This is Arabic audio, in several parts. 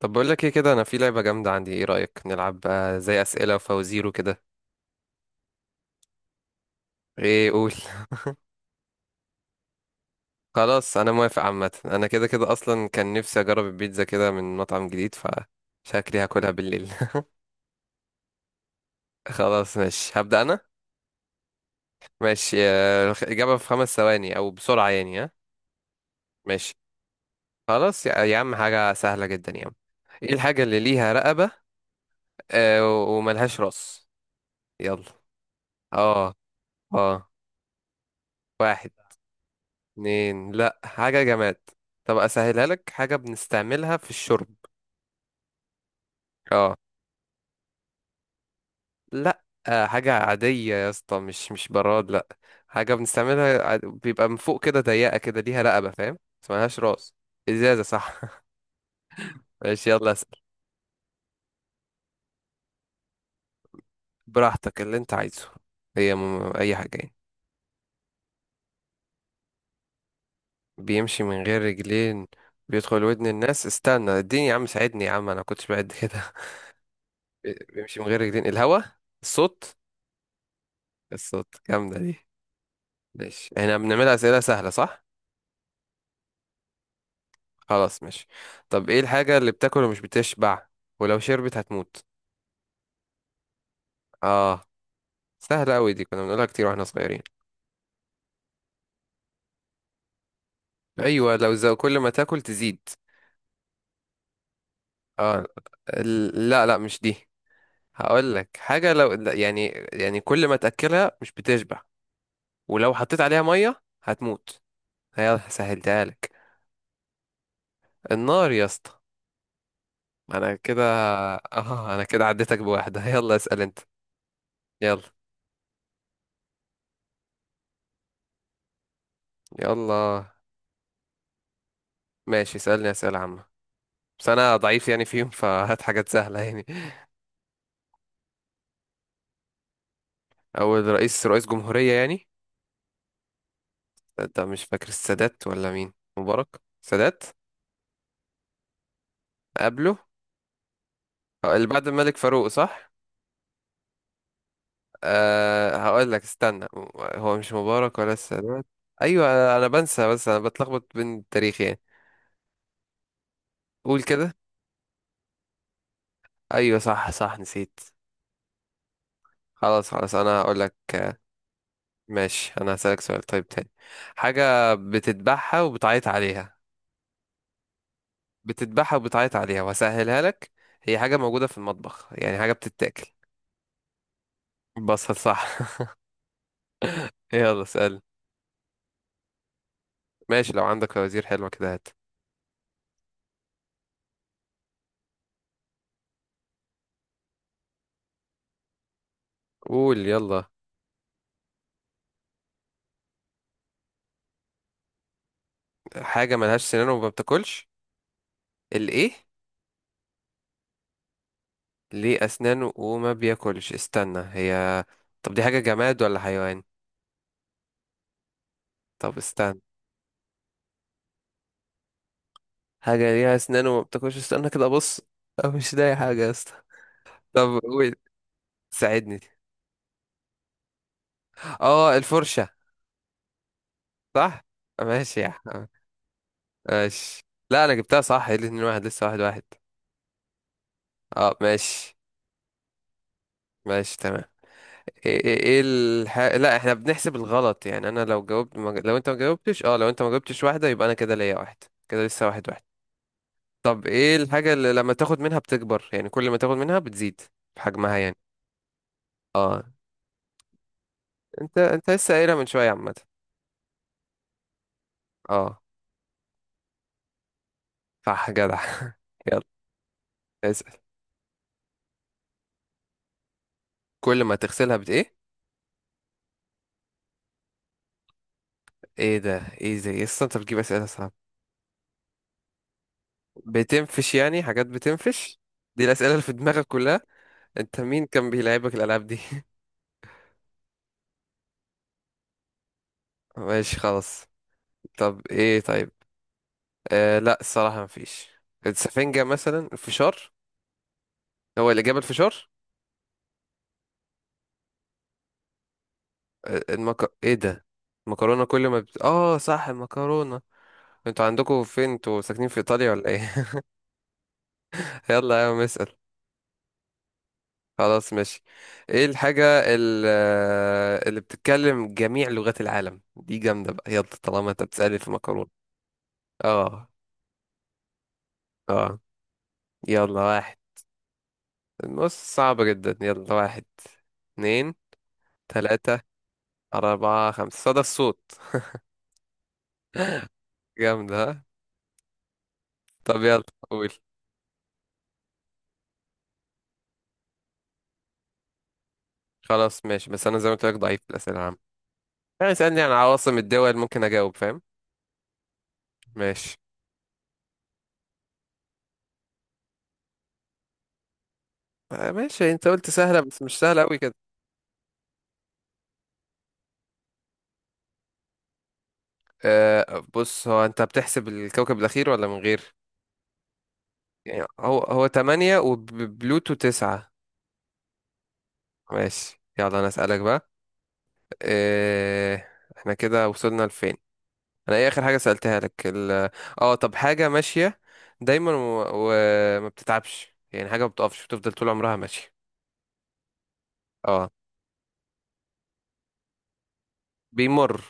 طب بقول لك ايه كده، انا في لعبة جامدة. عندي، ايه رأيك نلعب بقى زي أسئلة وفوازير وكده؟ ايه، قول. خلاص، انا موافق. عامة انا كده كده اصلا كان نفسي اجرب البيتزا كده من مطعم جديد، فشكلي هاكلها بالليل. خلاص ماشي، هبدأ انا. ماشي، إجابة في خمس ثواني او بسرعة، يعني، ها؟ ماشي خلاص. يا عم، حاجة سهلة جدا يا عم. ايه الحاجة اللي ليها رقبة، وملهاش راس؟ يلا. اه، اه، واحد، اتنين. لا، حاجة جماد. طب اسهلها لك، حاجة بنستعملها في الشرب. اه. لا، حاجة عادية يا اسطى، مش براد، لا. حاجة بنستعملها بيبقى من فوق كده، ضيقة كده، ليها رقبة، فاهم؟ بس ملهاش راس. ازازة، صح. ماشي، يلا اسأل. براحتك، اللي انت عايزه. هي اي حاجة يعني. بيمشي من غير رجلين، بيدخل ودن الناس. استنى، اديني يا عم، ساعدني يا عم، انا كنتش بعد كده. بيمشي من غير رجلين، الهوا. الصوت. الصوت، جامدة دي. ماشي، احنا بنعمل أسئلة سهلة صح؟ خلاص ماشي. طب ايه الحاجة اللي بتاكل ومش بتشبع، ولو شربت هتموت؟ اه، سهلة أوي دي، كنا بنقولها كتير واحنا صغيرين. ايوه، لو زو كل ما تاكل تزيد. اه. لا لا، مش دي. هقول لك حاجة، لو لا، يعني، يعني كل ما تأكلها مش بتشبع، ولو حطيت عليها مية هتموت. هي سهلتها لك. النار يا اسطى. انا كده اه انا كده عديتك بواحدة. يلا اسأل انت. يلا. يلا. ماشي، اسألني أسئلة عامة. بس انا ضعيف يعني فيهم، فهات حاجات سهله يعني. اول رئيس، رئيس جمهوريه يعني؟ ده مش فاكر، السادات ولا مين، مبارك، سادات. قبله. أه، اللي بعد الملك فاروق صح؟ أه هقول لك استنى. هو مش مبارك ولا السادات. ايوه، انا بنسى، بس انا بتلخبط بين التاريخ يعني. قول كده. ايوه صح، صح، نسيت. خلاص خلاص، انا هقول لك. ماشي، انا هسألك سؤال طيب تاني. حاجه بتتبعها وبتعيط عليها. بتذبحها وبتعيط عليها، وهسهلها لك، هي حاجة موجودة في المطبخ يعني، حاجة بتتاكل. بصل، صح. يلا اسأل. ماشي، لو عندك فوازير حلوة كده هات. قول يلا. حاجة ملهاش سنان وما بتاكلش. الايه؟ ليه أسنانه وما بياكلش، استنى، هي. طب دي حاجة جماد ولا حيوان؟ طب استنى. حاجة ليها أسنان وما بتاكلش، استنى كده أبص. أنا مش لاقي حاجة يا اسطى. طب قول، ساعدني. اه، الفرشة، صح. ماشي يا عم. ماشي. لا انا جبتها صح، ايه الاتنين واحد، لسه واحد واحد. اه ماشي. ماشي تمام. ايه لا، احنا بنحسب الغلط يعني، انا لو جاوبت ما... ج- لو انت ما جاوبتش، اه، لو انت ما جاوبتش واحدة، يبقى انا كده ليا واحد. كده لسه واحد واحد. طب ايه الحاجة اللي لما تاخد منها بتكبر، يعني كل ما تاخد منها بتزيد في حجمها يعني. اه. انت لسه قايلها من شوية، عامة. اه. صح، جدع. يلا اسأل. كل ما تغسلها بت ايه؟ ايه ده، ايه ده، ايه، أصل انت بتجيب اسئلة صعبة. بتنفش يعني، حاجات بتنفش. دي الأسئلة اللي في دماغك كلها؟ انت مين كان بيلعبك الألعاب دي؟ ماشي خلاص. طب ايه، طيب، لا الصراحة مفيش. السفنجة، مثلا الفشار. هو الإجابة الفشار؟ ايه ده؟ المكرونة، كل ما بت... اه صح، المكرونة. انتوا عندكم فين، انتوا ساكنين في إيطاليا ولا ايه؟ يلا يا عم اسأل. خلاص ماشي. ايه الحاجة، اللي بتتكلم جميع لغات العالم، دي جامدة بقى، يلا طالما انت بتسألني في مكرونة. اه. اه. يلا، واحد. بص صعب جدا، يلا، واحد، اتنين، تلاتة، أربعة، خمسة، صدى الصوت. جامد ها. طب يلا قول. خلاص ماشي، بس أنا زي ما قلت لك ضعيف في الأسئلة العامة. يعني اسألني عن عواصم الدول ممكن أجاوب، فاهم. ماشي. ماشي، أنت قلت سهلة بس مش سهلة أوي كده. أه بص، هو أنت بتحسب الكوكب الأخير ولا من غير، يعني هو هو تمانية وبلوتو تسعة. ماشي، يلا أنا أسألك بقى. أه. احنا كده وصلنا لفين؟ انا ايه اخر حاجه سالتها لك، اه طب، حاجه ماشيه دايما وما بتتعبش، يعني حاجه ما بتقفش، بتفضل طول عمرها ماشيه. اه. بيمر،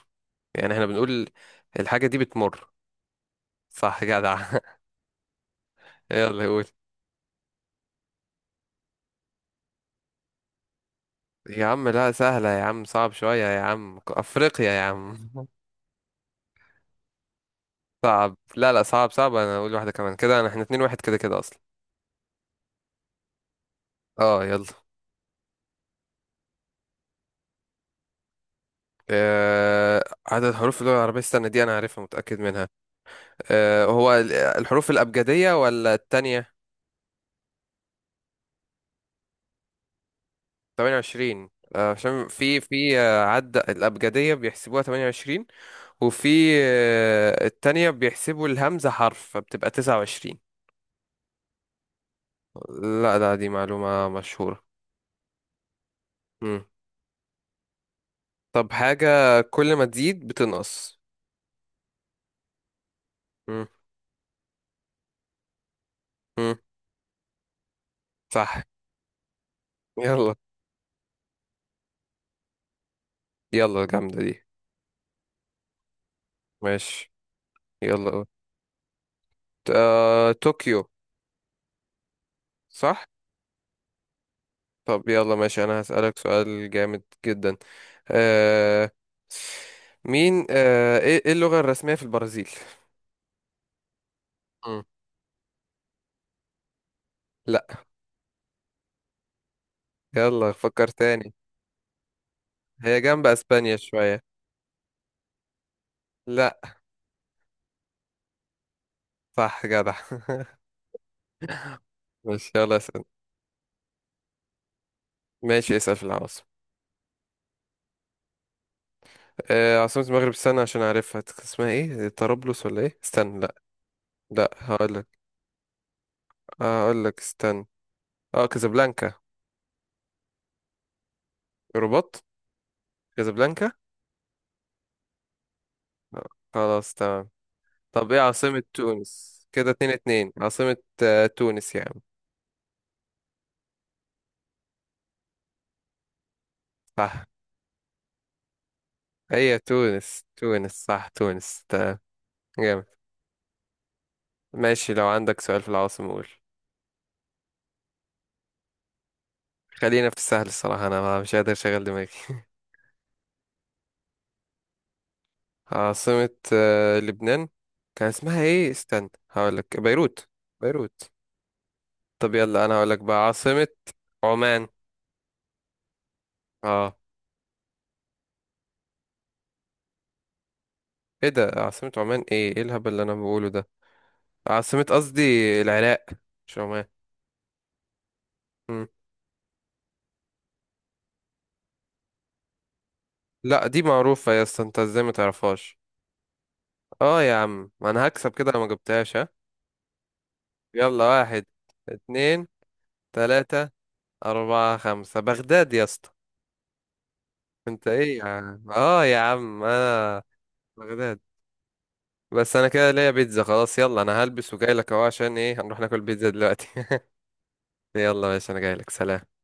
يعني احنا بنقول الحاجه دي بتمر. صح، جدع. يلا قول. يا عم لا سهله يا عم، صعب شويه يا عم، افريقيا يا عم. صعب، لا لا، صعب صعب، انا اقول واحده كمان كده، انا احنا اتنين واحد كده كده اصلا. اه يلا. آه، عدد حروف اللغة العربية، استنى دي أنا عارفها متأكد منها. هو الحروف الأبجدية ولا التانية؟ 28. عشان في عد الأبجدية بيحسبوها 28. وفي التانية بيحسبوا الهمزة حرف، فبتبقى 29. لا لا، دي معلومة مشهورة. مم. طب حاجة كل ما تزيد بتنقص. مم. مم. صح. يلا. يلا جامدة دي. ماشي، يلا قول. آه، طوكيو. صح. طب يلا ماشي، أنا هسألك سؤال جامد جدا. آه، مين آه، إيه، إيه اللغة الرسمية في البرازيل؟ لا. يلا فكر تاني. هي جنب اسبانيا شوية. لا. صح جدع. ماشي يلا اسأل. ماشي اسأل في العواصم. عاصمة المغرب، استنى عشان اعرفها، اسمها ايه، طرابلس ولا ايه، استنى لا. لا هقولك. هقولك استنى. اه، كازابلانكا. رباط. كازابلانكا. آه، خلاص تمام. طب ايه عاصمة تونس؟ كده اتنين اتنين عاصمة، تونس يا عم. صح. هي تونس، تونس صح، تونس تمام. جامد. ماشي، لو عندك سؤال في العواصم قول. خلينا في السهل، الصراحة أنا مش قادر أشغل دماغي. عاصمة لبنان، كان اسمها إيه استنى هقولك، بيروت. بيروت. طب يلا أنا هقولك بقى، عاصمة عمان. آه. إيه ده، عاصمة عمان، إيه إيه الهبل اللي أنا بقوله ده، عاصمة قصدي العراق، مش عمان. مم. لا دي معروفة يا اسطى، أنت إزاي ما تعرفهاش؟ آه يا عم، ما أنا هكسب كده لو ما جبتهاش، ها. يلا، واحد، اتنين، تلاتة، أربعة، خمسة، بغداد يا اسطى. انت ايه يا عم، اه يا عم انا. بغداد. بس انا كده ليا بيتزا خلاص، يلا انا هلبس وجاي لك اهو، عشان ايه، هنروح ناكل بيتزا دلوقتي. يلا يا باشا، انا جاي لك، سلام.